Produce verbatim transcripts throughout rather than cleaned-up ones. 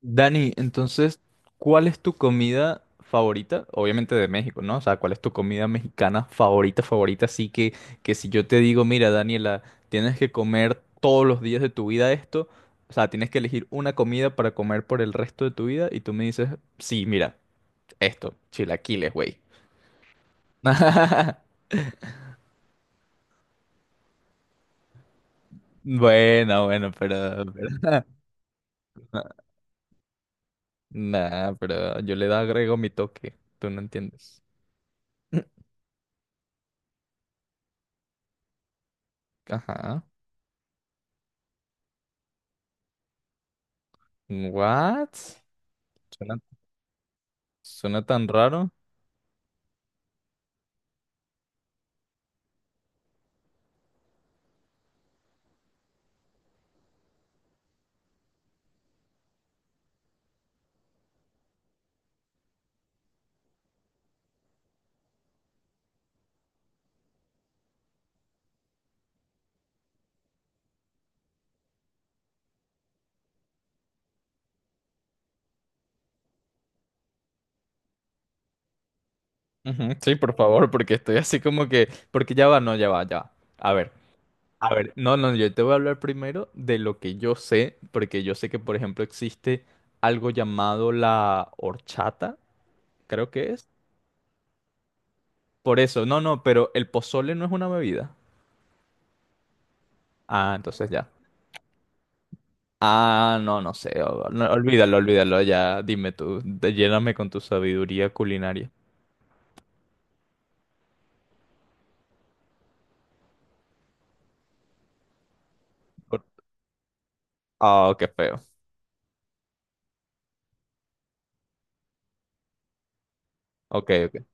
Dani, entonces, ¿cuál es tu comida favorita? Obviamente de México, ¿no? O sea, ¿cuál es tu comida mexicana favorita, favorita? Así que, que si yo te digo, mira, Daniela, tienes que comer todos los días de tu vida esto, o sea, tienes que elegir una comida para comer por el resto de tu vida y tú me dices, sí, mira, esto, chilaquiles, güey. Bueno, bueno, pero, pero- Nah, pero yo le agrego mi toque, tú no entiendes. Ajá. What? Suena tan raro. Ujú, sí, por favor, porque estoy así como que. Porque ya va, no, ya va, ya va. A ver, a ver. No, no, yo te voy a hablar primero de lo que yo sé, porque yo sé que, por ejemplo, existe algo llamado la horchata, creo que es. Por eso, no, no, pero el pozole no es una bebida. Ah, entonces ya. Ah, no, no sé. O- no, olvídalo, olvídalo, ya. Dime tú, de- lléname con tu sabiduría culinaria. Por- Ah, qué feo. Ok, ok.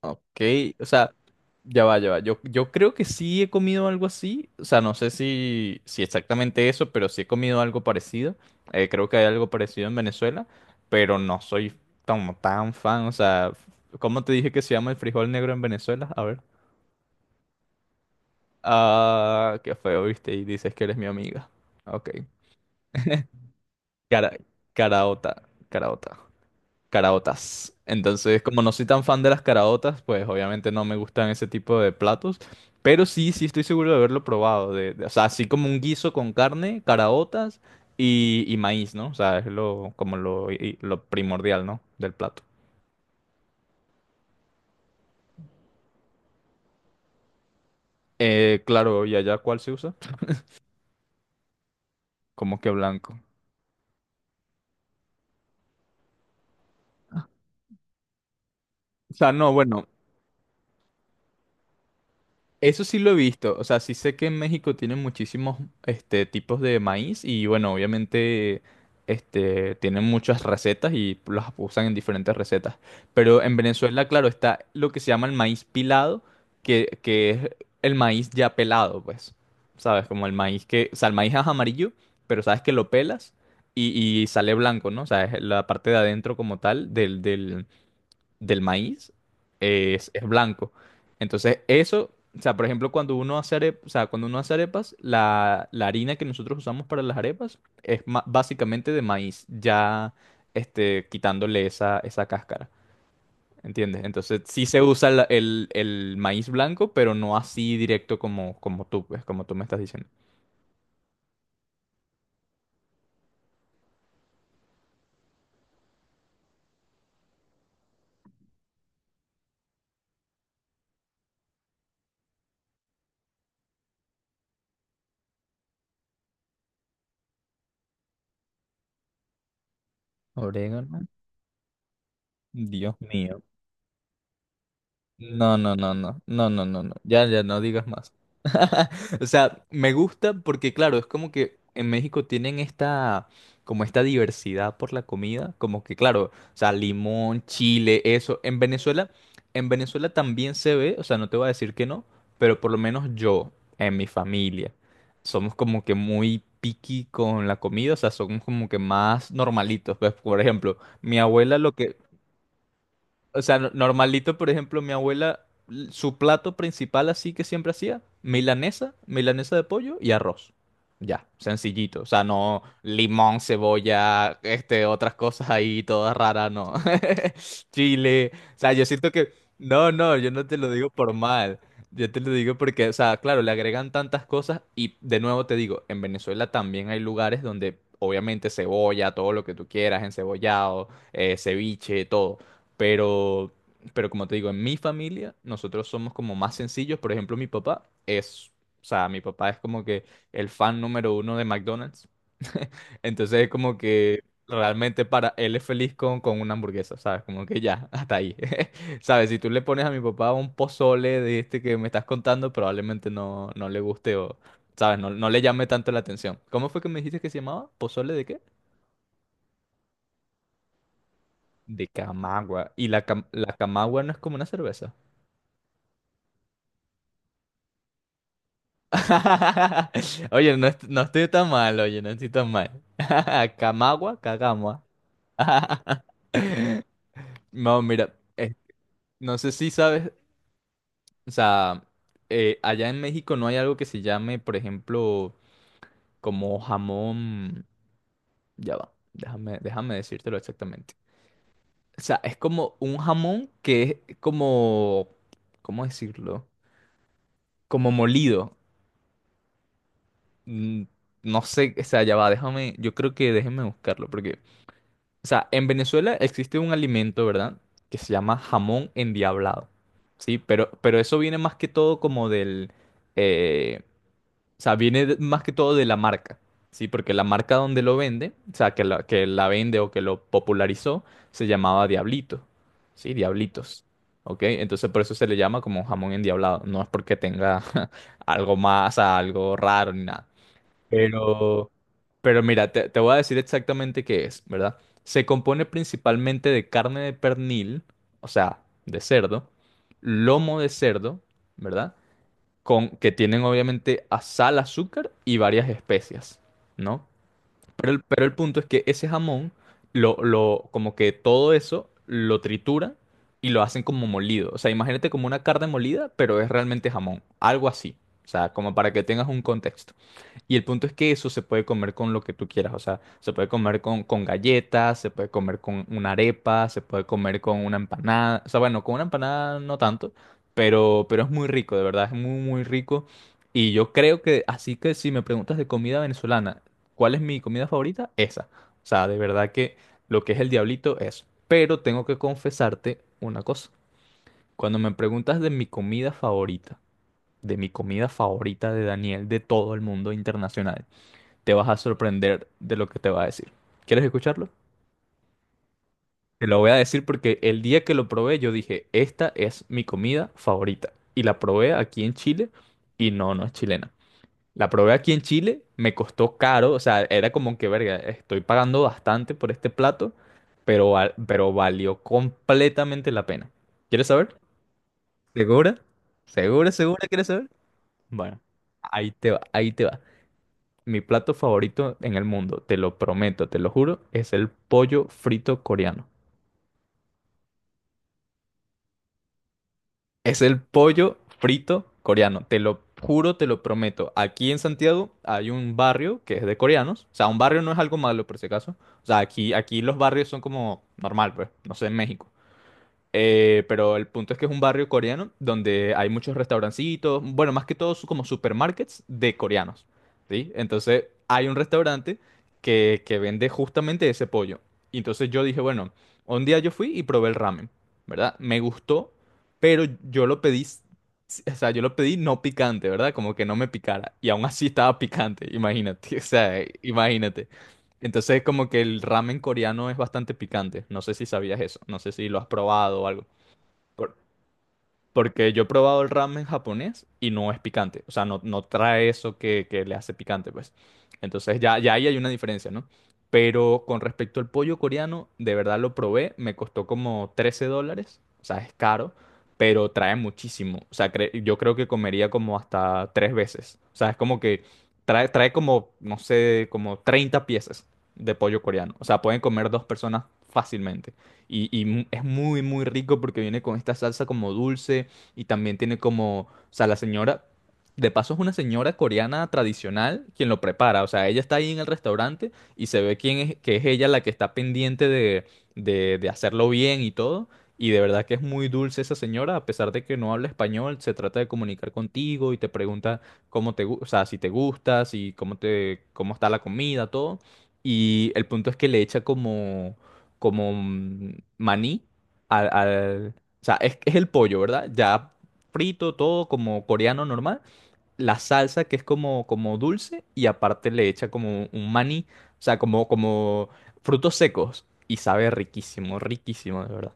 Ok, o sea. Ya va, ya va. Yo, yo creo que sí he comido algo así. O sea, no sé si, si exactamente eso, pero sí he comido algo parecido. Eh, creo que hay algo parecido en Venezuela, pero no soy como tan fan. O sea, ¿cómo te dije que se llama el frijol negro en Venezuela? A ver. Ah, qué feo, viste, y dices que eres mi amiga. Ok. Cara, caraota, caraota. Caraotas. Entonces, como no soy tan fan de las caraotas, pues obviamente no me gustan ese tipo de platos. Pero sí, sí estoy seguro de haberlo probado. De, de- o sea, así como un guiso con carne, caraotas y, y maíz, ¿no? O sea, es lo, como lo, y- lo primordial, ¿no? Del plato. Eh, claro, ¿y allá cuál se usa? Como que blanco. O sea, no, bueno. Eso sí lo he visto, o sea, sí sé que en México tienen muchísimos este, tipos de maíz y bueno, obviamente este, tienen muchas recetas y las usan en diferentes recetas. Pero en Venezuela, claro, está lo que se llama el maíz pilado, que, que es el maíz ya pelado, pues, ¿sabes? Como el maíz que, o sea, el maíz es amarillo, pero sabes que lo pelas y, y sale blanco, ¿no? O sea, es la parte de adentro como tal del, del, del maíz es, es blanco. Entonces, eso, o sea, por ejemplo, cuando uno hace arepas, o sea, cuando uno hace arepas, la, la harina que nosotros usamos para las arepas es ma- básicamente de maíz, ya este, quitándole esa, esa cáscara. ¿Entiendes? Entonces sí se usa la- el, el maíz blanco, pero no así directo como, como tú, pues, como tú me estás diciendo. Orégano, Dios mío. No, no, no, no, no, no, no, no, ya, ya no digas más. O sea, me gusta porque, claro, es como que en México tienen esta, como esta diversidad por la comida, como que, claro, o sea, limón, chile, eso. En Venezuela, en Venezuela también se ve, o sea, no te voy a decir que no, pero por lo menos yo, en mi familia, somos como que muy picky con la comida, o sea, somos como que más normalitos. Pues, por ejemplo, mi abuela lo que, o sea, no- normalito, por ejemplo, mi abuela, l- su plato principal así que siempre hacía, milanesa, milanesa de pollo y arroz. Ya, sencillito. O sea, no limón, cebolla, este, otras cosas ahí, todas raras, no. Chile. O sea, yo siento que. No, no, yo no te lo digo por mal. Yo te lo digo porque, o sea, claro, le agregan tantas cosas y de nuevo te digo, en Venezuela también hay lugares donde obviamente cebolla, todo lo que tú quieras, encebollado, eh, ceviche, todo. Pero, pero como te digo, en mi familia nosotros somos como más sencillos. Por ejemplo, mi papá es, o sea, mi papá es como que el fan número uno de McDonald's. Entonces es como que realmente para él es feliz con, con una hamburguesa, ¿sabes? Como que ya, hasta ahí. ¿Sabes? Si tú le pones a mi papá un pozole de este que me estás contando, probablemente no, no le guste o, ¿sabes? No, no le llame tanto la atención. ¿Cómo fue que me dijiste que se llamaba? ¿Pozole de qué? De Camagua. ¿Y la, cam- la Camagua no es como una cerveza? Oye, no, est- no estoy tan mal, oye, no estoy tan mal. Camagua, Cagamua. No, mira, eh, no sé si sabes, o sea, eh, allá en México no hay algo que se llame, por ejemplo, como jamón, ya va, déjame, déjame decírtelo exactamente. O sea, es como un jamón que es como, ¿cómo decirlo? Como molido. Mm, No sé, o sea, ya va, déjame, yo creo que déjeme buscarlo, porque. O sea, en Venezuela existe un alimento, ¿verdad? Que se llama jamón endiablado. Sí, pero, pero eso viene más que todo como del. Eh, o sea, viene de- más que todo de la marca. Sí, porque la marca donde lo vende, o sea, que la, que la vende o que lo popularizó, se llamaba Diablito. Sí, Diablitos. ¿Ok? Entonces por eso se le llama como jamón endiablado. No es porque tenga algo más, o sea, algo raro ni nada. Pero, pero mira, te, te voy a decir exactamente qué es, ¿verdad? Se compone principalmente de carne de pernil, o sea, de cerdo, lomo de cerdo, ¿verdad? Con, que tienen obviamente a sal, azúcar y varias especias, ¿no? Pero el, pero el punto es que ese jamón, lo, lo, como que todo eso lo trituran y lo hacen como molido. O sea, imagínate como una carne molida, pero es realmente jamón, algo así. O sea, como para que tengas un contexto. Y el punto es que eso se puede comer con lo que tú quieras, o sea, se puede comer con, con galletas, se puede comer con una arepa, se puede comer con una empanada, o sea, bueno, con una empanada no tanto, pero, pero es muy rico, de verdad, es muy, muy rico. Y yo creo que, así que si me preguntas de comida venezolana, ¿cuál es mi comida favorita? Esa. O sea, de verdad que lo que es el diablito es. Pero tengo que confesarte una cosa. Cuando me preguntas de mi comida favorita, de mi comida favorita de Daniel, de todo el mundo internacional te vas a sorprender de lo que te va a decir. ¿Quieres escucharlo? Te lo voy a decir porque el día que lo probé yo dije, esta es mi comida favorita. Y la probé aquí en Chile y no, no es chilena. La probé aquí en Chile, me costó caro, o sea, era como que, verga, estoy pagando bastante por este plato, pero, val- pero valió completamente la pena. ¿Quieres saber? ¿Segura? ¿Segura, segura quieres saber? Bueno, ahí te va, ahí te va. Mi plato favorito en el mundo, te lo prometo, te lo juro, es el pollo frito coreano. Es el pollo frito coreano, te lo juro, te lo prometo. Aquí en Santiago hay un barrio que es de coreanos. O sea, un barrio no es algo malo por si acaso. O sea, aquí, aquí los barrios son como normal, pues, no sé, en México. Eh, pero el punto es que es un barrio coreano donde hay muchos restaurancitos, bueno, más que todo su- como supermarkets de coreanos, ¿sí? Entonces hay un restaurante que, que vende justamente ese pollo. Y entonces yo dije, bueno, un día yo fui y probé el ramen, ¿verdad? Me gustó, pero yo lo pedí, s- o sea, yo lo pedí no picante, ¿verdad? Como que no me picara. Y aún así estaba picante, imagínate, o sea, imagínate. Entonces, como que el ramen coreano es bastante picante. No sé si sabías eso, no sé si lo has probado o algo. Por- Porque yo he probado el ramen japonés y no es picante. O sea, no, no trae eso que, que le hace picante, pues. Entonces ya, ya ahí hay una diferencia, ¿no? Pero con respecto al pollo coreano, de verdad lo probé. Me costó como trece dólares. O sea, es caro, pero trae muchísimo. O sea, cre- yo creo que comería como hasta tres veces. O sea, es como que trae, trae como, no sé, como treinta piezas de pollo coreano. O sea, pueden comer dos personas fácilmente. Y, y mu- es muy, muy rico porque viene con esta salsa como dulce y también tiene como, o sea, la señora, de paso es una señora coreana tradicional quien lo prepara, o sea, ella está ahí en el restaurante y se ve quién es, que es ella la que está pendiente de, de, de hacerlo bien y todo. Y de verdad que es muy dulce esa señora, a pesar de que no habla español, se trata de comunicar contigo y te pregunta cómo te, gu- o sea, si te gusta, si cómo te, cómo está la comida, todo. Y el punto es que le echa como como mm, maní al, al- o sea, es, es el pollo, ¿verdad? Ya frito, todo como coreano normal. La salsa que es como, como dulce y aparte le echa como un maní, o sea, como, como frutos secos y sabe riquísimo, riquísimo, de verdad.